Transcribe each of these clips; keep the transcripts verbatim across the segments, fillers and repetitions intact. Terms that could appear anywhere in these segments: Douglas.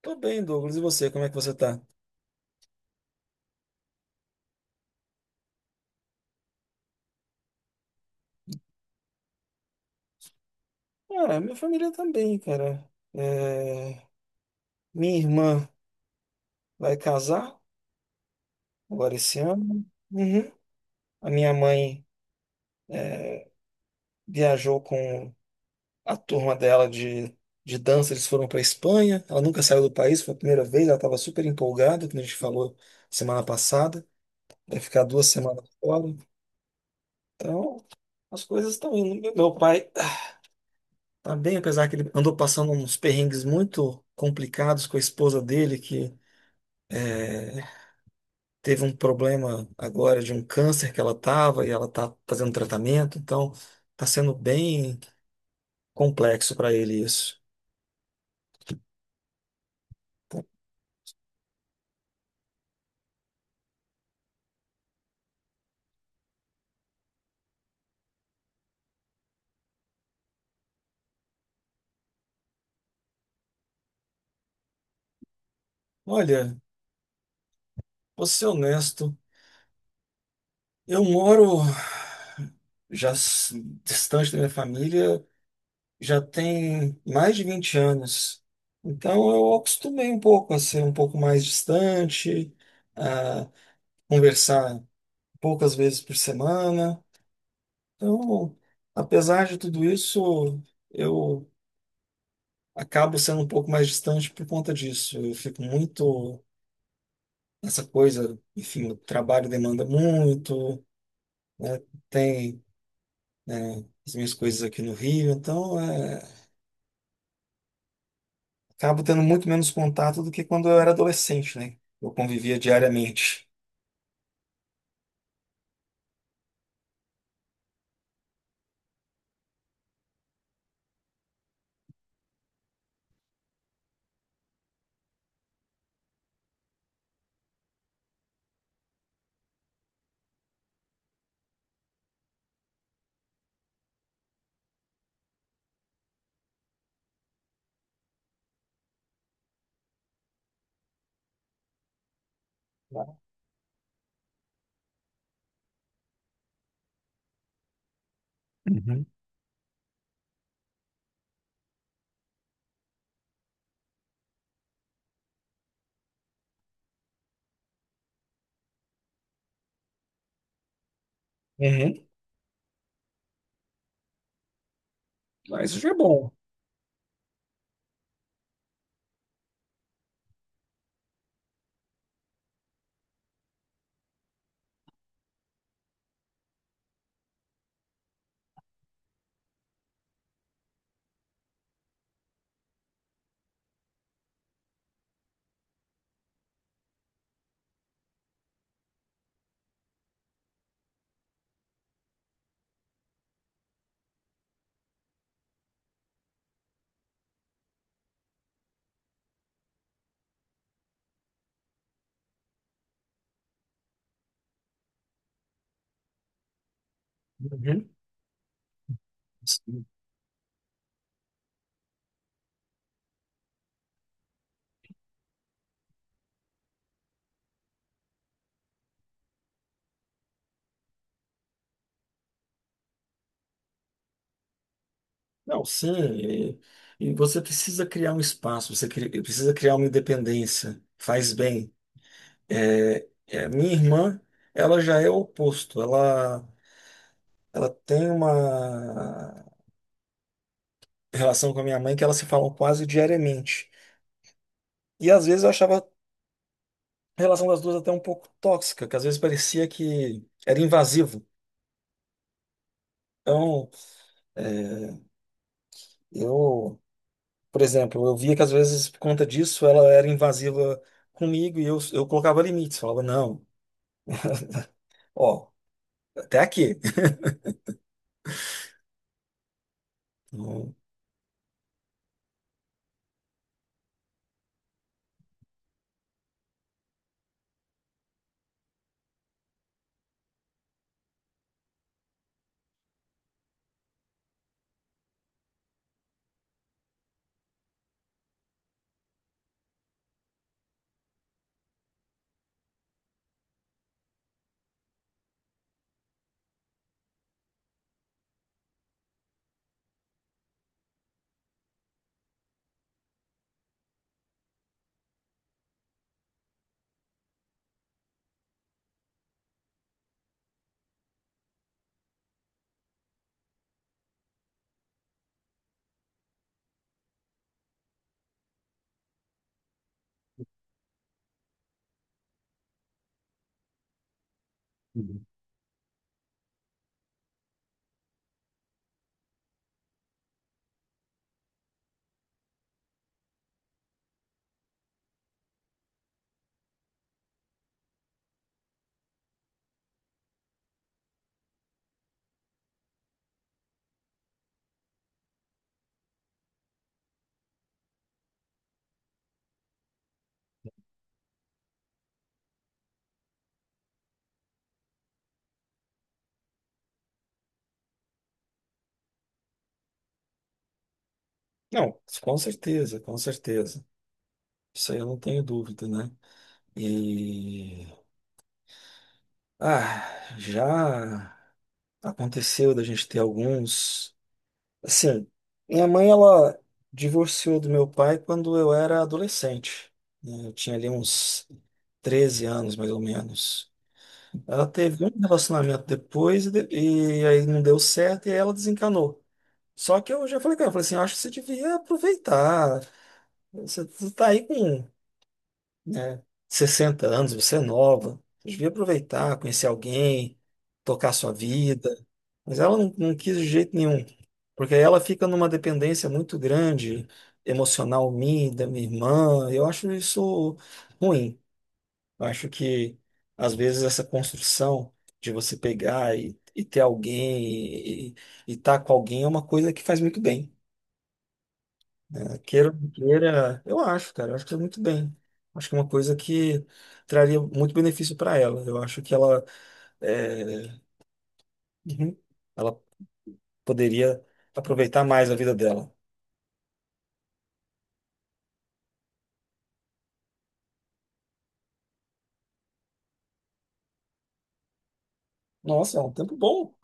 Tô bem, Douglas. E você, como é que você tá? Ah, minha família também, cara. É, minha irmã vai casar agora esse ano. Uhum. A minha mãe viajou com a turma dela de, de dança, eles foram para Espanha. Ela nunca saiu do país, foi a primeira vez, ela estava super empolgada, como a gente falou semana passada. Vai ficar duas semanas fora. Então, as coisas estão indo. Meu meu pai tá bem, apesar que ele andou passando uns perrengues muito complicados com a esposa dele, que teve um problema agora de um câncer que ela estava e ela está fazendo tratamento, então está sendo bem complexo para ele isso. Olha, vou ser honesto, eu moro já s- distante da minha família já tem mais de vinte anos, então eu acostumei um pouco a ser um pouco mais distante, a conversar poucas vezes por semana. Então, apesar de tudo isso, eu acabo sendo um pouco mais distante por conta disso. Eu fico muito nessa coisa, enfim, o trabalho demanda muito, né? Tem, né, as minhas coisas aqui no Rio, então é, acabo tendo muito menos contato do que quando eu era adolescente, né? Eu convivia diariamente. Uhum. Uhum. Mas isso já é bom. Uhum. Sim. Não, sim, e, e você precisa criar um espaço, você cri- precisa criar uma independência, faz bem. É, é, minha irmã, ela já é o oposto. Ela, ela tem uma relação com a minha mãe que elas se falam quase diariamente. E às vezes eu achava a relação das duas até um pouco tóxica, que às vezes parecia que era invasivo. Então, é, eu, por exemplo, eu via que às vezes por conta disso ela era invasiva comigo e eu, eu colocava limites. Falava, não, ó, até aqui. Não, Uhum. Não, com certeza, com certeza. Isso aí eu não tenho dúvida, né? E ah, já aconteceu da gente ter alguns. Assim, minha mãe ela divorciou do meu pai quando eu era adolescente, né? Eu tinha ali uns treze anos, mais ou menos. Ela teve um relacionamento depois e, de- e aí não deu certo e ela desencanou. Só que eu já falei com ela, falei assim, acho que você devia aproveitar. Você tá aí com, né, sessenta anos, você é nova, você devia aproveitar, conhecer alguém, tocar sua vida. Mas ela não, não quis de jeito nenhum, porque aí ela fica numa dependência muito grande, emocional minha, e da minha irmã. Eu acho isso ruim. Eu acho que, às vezes, essa construção de você pegar e, e ter alguém e estar com alguém é uma coisa que faz muito bem. Queira ou não queira, eu acho, cara, eu acho que é muito bem. Acho que é uma coisa que traria muito benefício para ela. Eu acho que ela, é, uhum, ela poderia aproveitar mais a vida dela. Nossa, é um tempo bom.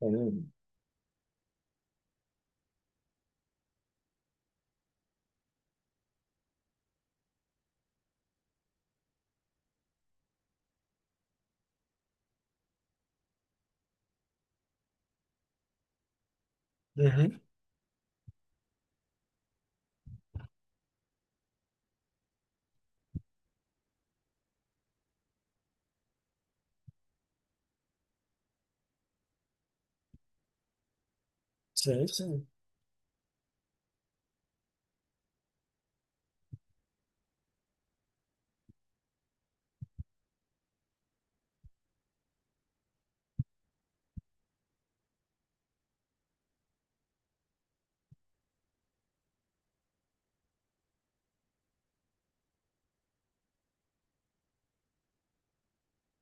Uhum. Uhum. Sim, sim.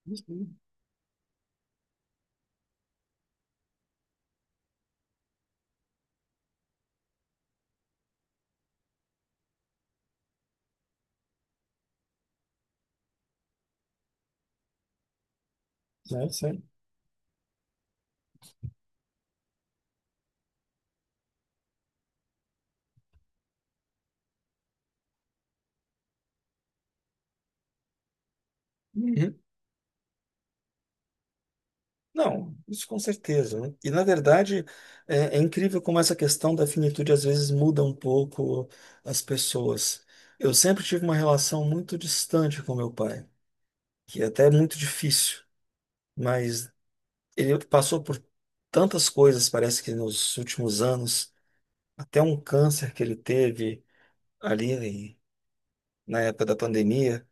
Sim, sim. Sim. Uhum. Não, isso com certeza, né? E na verdade, é, é incrível como essa questão da finitude às vezes muda um pouco as pessoas. Eu sempre tive uma relação muito distante com meu pai, que até é muito difícil, mas ele passou por tantas coisas, parece que nos últimos anos, até um câncer que ele teve ali em- na época da pandemia,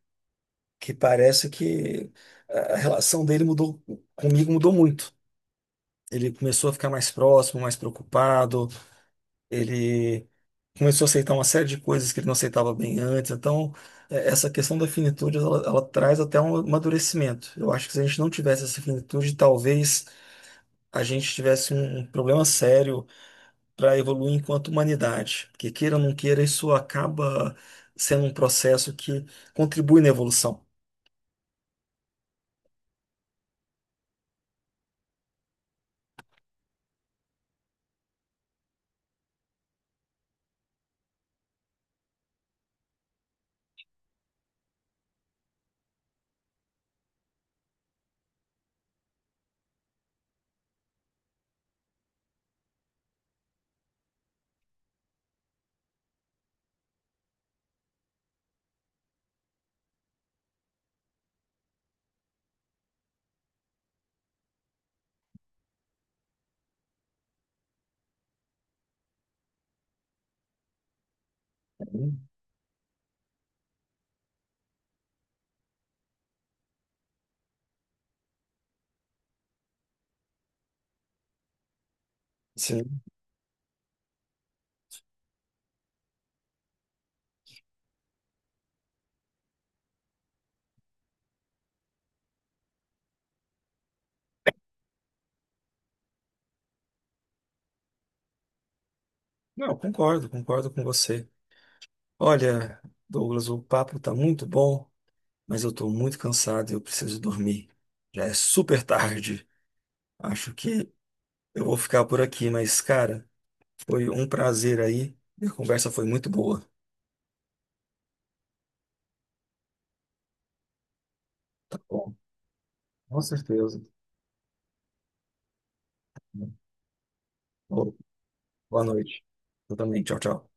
que parece que a relação dele mudou, comigo mudou muito. Ele começou a ficar mais próximo, mais preocupado, ele começou a aceitar uma série de coisas que ele não aceitava bem antes, então eh, essa questão da finitude, ela, ela traz até um amadurecimento. Eu acho que se a gente não tivesse essa finitude, talvez a gente tivesse um um problema sério para evoluir enquanto humanidade. Porque queira ou não queira, isso acaba sendo um processo que contribui na evolução. Sim. Não, concordo, concordo com você. Olha, Douglas, o papo está muito bom, mas eu estou muito cansado e eu preciso dormir. Já é super tarde. Acho que eu vou ficar por aqui, mas, cara, foi um prazer aí. A conversa foi muito boa. Tá bom, com certeza. Boa boa noite. Eu também. Tchau, tchau.